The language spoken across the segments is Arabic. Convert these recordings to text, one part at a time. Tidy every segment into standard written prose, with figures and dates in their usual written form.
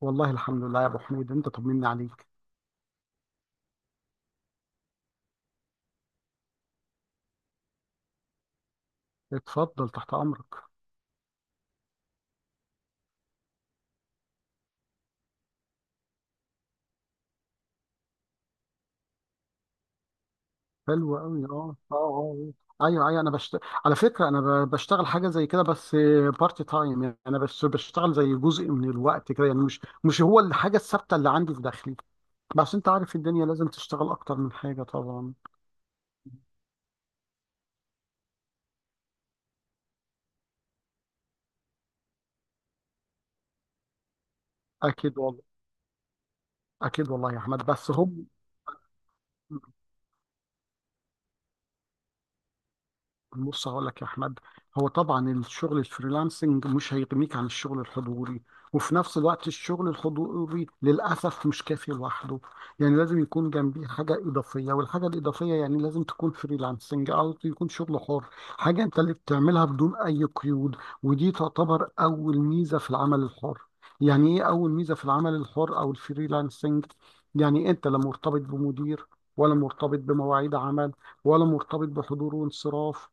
والله الحمد لله يا ابو حميد، انت طمني عليك. اتفضل، تحت امرك. حلو قوي، آه. ايوه ايوه، على فكره انا بشتغل حاجه زي كده، بس بارت تايم. يعني انا بس بشتغل زي جزء من الوقت كده، يعني مش هو الحاجه الثابته اللي عندي في داخلي. بس انت عارف الدنيا لازم تشتغل اكتر من حاجه طبعا. اكيد والله. اكيد والله يا احمد، بس هم. بص هقول لك يا احمد، هو طبعا الشغل الفريلانسنج مش هيغنيك عن الشغل الحضوري. وفي نفس الوقت الشغل الحضوري للاسف مش كافي لوحده. يعني لازم يكون جنبيه حاجه اضافيه، والحاجه الاضافيه يعني لازم تكون فريلانسنج او يكون شغل حر. حاجه انت اللي بتعملها بدون اي قيود. ودي تعتبر اول ميزه في العمل الحر. يعني ايه اول ميزه في العمل الحر او الفريلانسنج؟ يعني انت لا مرتبط بمدير، ولا مرتبط بمواعيد عمل، ولا مرتبط بحضور وانصراف.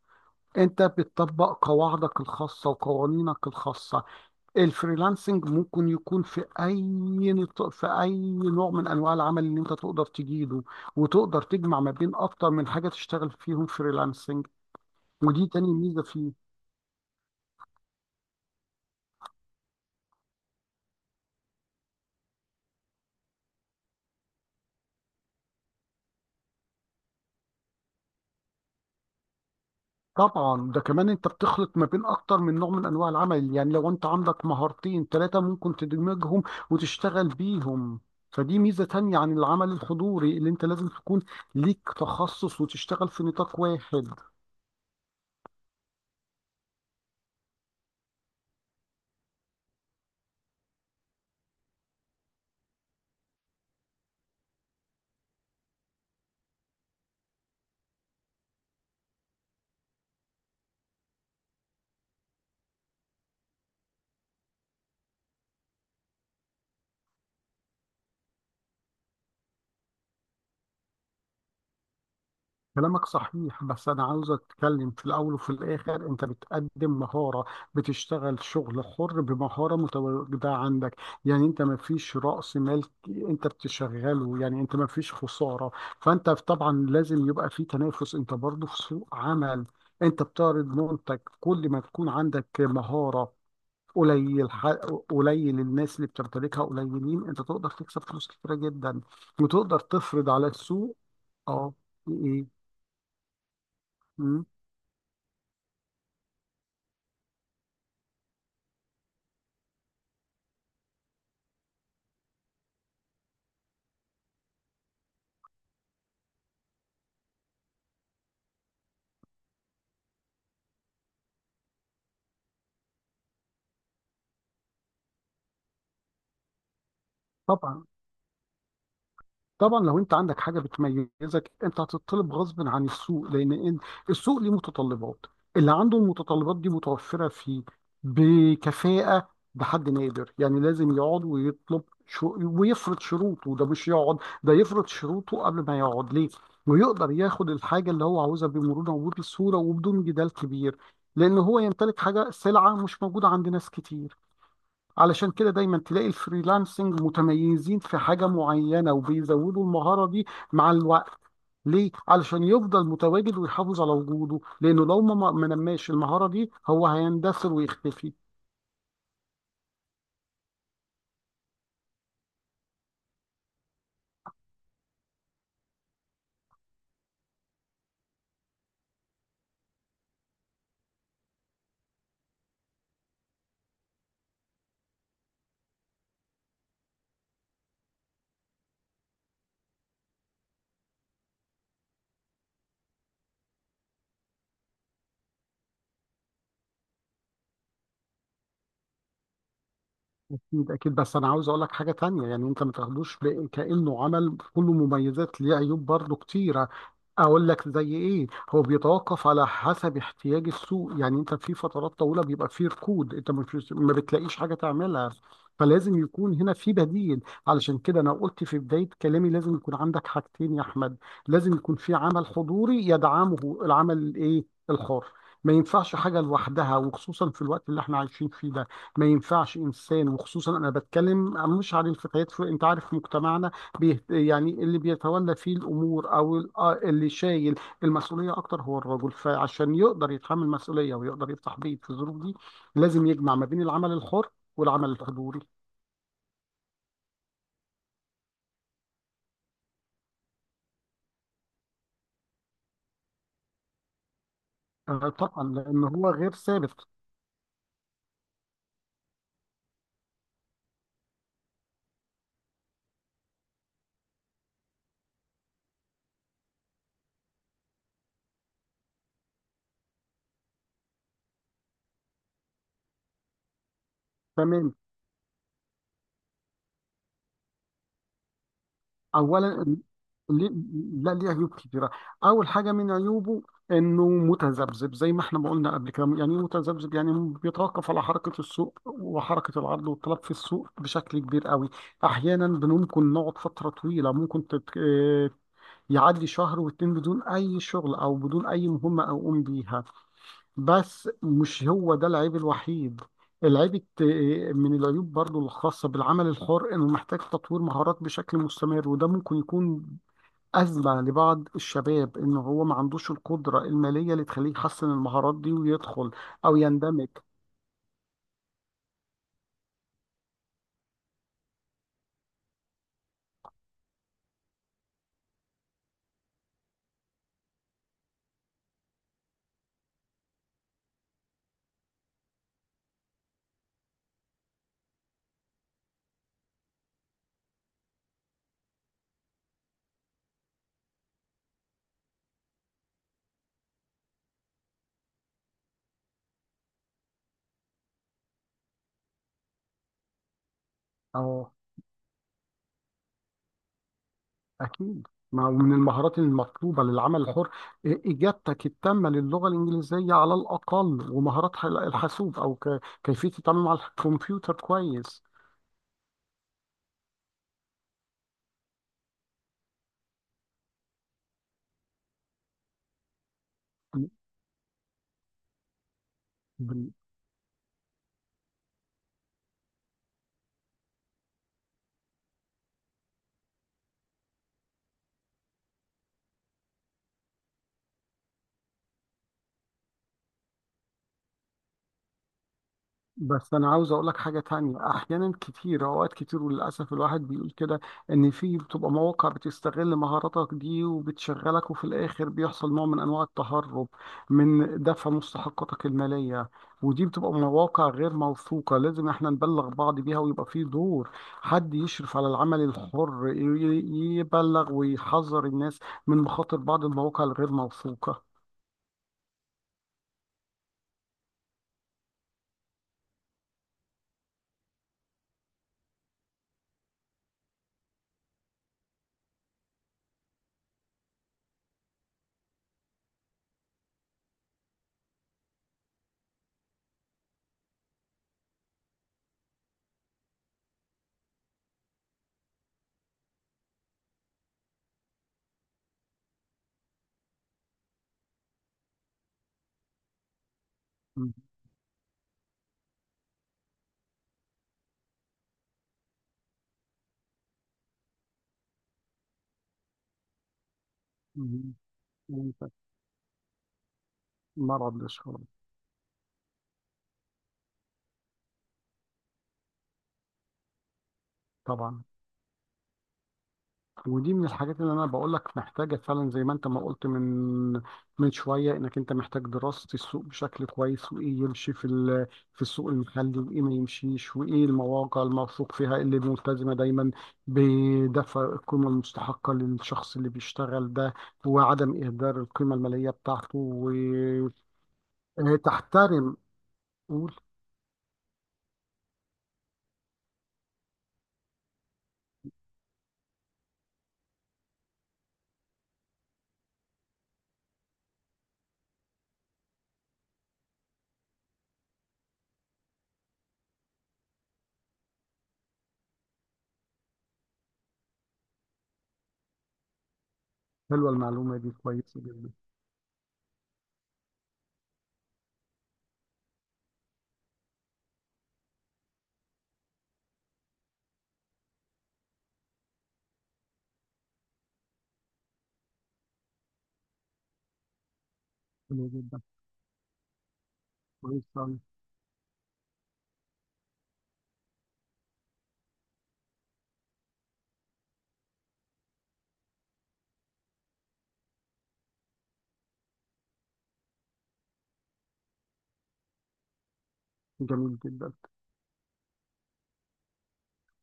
انت بتطبق قواعدك الخاصة وقوانينك الخاصة. الفريلانسنج ممكن يكون في اي في اي نوع من انواع العمل اللي انت تقدر تجيده. وتقدر تجمع ما بين اكتر من حاجة تشتغل فيهم فريلانسنج. ودي تاني ميزة فيه. طبعا ده كمان انت بتخلط ما بين اكتر من نوع من انواع العمل. يعني لو انت عندك مهارتين ثلاثة ممكن تدمجهم وتشتغل بيهم. فدي ميزة تانية عن العمل الحضوري اللي انت لازم تكون ليك تخصص وتشتغل في نطاق واحد. كلامك صحيح، بس أنا عاوز أتكلم. في الأول وفي الآخر أنت بتقدم مهارة، بتشتغل شغل حر بمهارة متواجدة عندك. يعني أنت ما فيش رأس مال، أنت بتشغله، يعني أنت ما فيش خسارة. فأنت طبعا لازم يبقى في تنافس، أنت برضه في سوق عمل. أنت بتعرض منتج. كل ما تكون عندك مهارة قليل ح- قليل الناس اللي بتمتلكها قليلين، أنت تقدر تكسب فلوس كتيرة جدا وتقدر تفرض على السوق. أه. إيه. طبعا. طبعا لو انت عندك حاجه بتميزك، انت هتطلب غصب عن السوق. السوق ليه متطلبات. اللي عنده المتطلبات دي متوفره فيه بكفاءه، بحد نادر، يعني لازم يقعد ويطلب شو ويفرض شروطه. ده مش يقعد، ده يفرض شروطه قبل ما يقعد ليه، ويقدر ياخد الحاجه اللي هو عاوزها بمرونه وبسهوله وبدون جدال كبير. لان هو يمتلك حاجه سلعه مش موجوده عند ناس كتير. علشان كده دايما تلاقي الفريلانسنج متميزين في حاجة معينة، وبيزودوا المهارة دي مع الوقت. ليه؟ علشان يفضل متواجد ويحافظ على وجوده. لأنه لو ما نماش المهارة دي هو هيندثر ويختفي. اكيد اكيد، بس انا عاوز اقول لك حاجه تانية. يعني انت ما تاخدوش كانه عمل كله مميزات، ليه عيوب برضه كتيره. اقول لك زي ايه. هو بيتوقف على حسب احتياج السوق. يعني انت في فترات طويله بيبقى فيه ركود، انت مش ما بتلاقيش حاجه تعملها. فلازم يكون هنا في بديل. علشان كده انا قلت في بدايه كلامي لازم يكون عندك حاجتين يا احمد. لازم يكون في عمل حضوري يدعمه العمل الايه، الحر. ما ينفعش حاجه لوحدها، وخصوصا في الوقت اللي احنا عايشين فيه ده. ما ينفعش انسان، وخصوصا انا بتكلم مش عن الفتيات. في انت عارف مجتمعنا يعني اللي بيتولى فيه الامور او اللي شايل المسؤوليه اكتر هو الرجل. فعشان يقدر يتحمل مسؤوليه ويقدر يفتح بيت في الظروف دي، لازم يجمع ما بين العمل الحر والعمل الحضوري. آه طبعا، لان هو غير ثابت. تمام. اولا، ليه. لا، ليه عيوب كتيره. اول حاجه من عيوبه انه متذبذب زي ما احنا ما قلنا قبل كده. يعني إيه متذبذب؟ يعني بيتوقف على حركه السوق وحركه العرض والطلب في السوق بشكل كبير قوي. احيانا ممكن نقعد فتره طويله، ممكن تت... آه، يعدي شهر واتنين بدون اي شغل او بدون اي مهمه اقوم بيها. بس مش هو ده العيب الوحيد. العيب الت- من العيوب برضو الخاصة بالعمل الحر إنه محتاج تطوير مهارات بشكل مستمر. وده ممكن يكون أزمة لبعض الشباب، إنه هو ما عندوش القدرة المالية اللي تخليه يحسن المهارات دي ويدخل أو يندمج. أه أكيد، ما هو من المهارات المطلوبة للعمل الحر إجابتك التامة للغة الإنجليزية على الأقل، ومهارات الحاسوب، أو كيفية التعامل مع الكمبيوتر كويس. بس انا عاوز اقول لك حاجه تانية. احيانا كتير، اوقات كتير، وللاسف الواحد بيقول كده، ان في بتبقى مواقع بتستغل مهاراتك دي وبتشغلك، وفي الاخر بيحصل نوع من انواع التهرب من دفع مستحقاتك الماليه. ودي بتبقى مواقع غير موثوقه، لازم احنا نبلغ بعض بيها. ويبقى في دور حد يشرف على العمل الحر يبلغ ويحذر الناس من مخاطر بعض المواقع الغير موثوقه. م- م- مرض الشغل. طبعا. ودي من الحاجات اللي انا بقول لك محتاجه فعلا، زي ما انت ما قلت من شويه، انك انت محتاج دراسه السوق بشكل كويس، وايه يمشي في السوق المحلي وايه ما يمشيش، وايه المواقع الموثوق فيها، إيه اللي ملتزمه دايما بدفع القيمه المستحقه للشخص اللي بيشتغل ده، وعدم اهدار القيمه الماليه بتاعته. وتحترم. قول. حلوه المعلومه دي، كويسه جدا. حلوه جدا. كويسه. جميل جدا.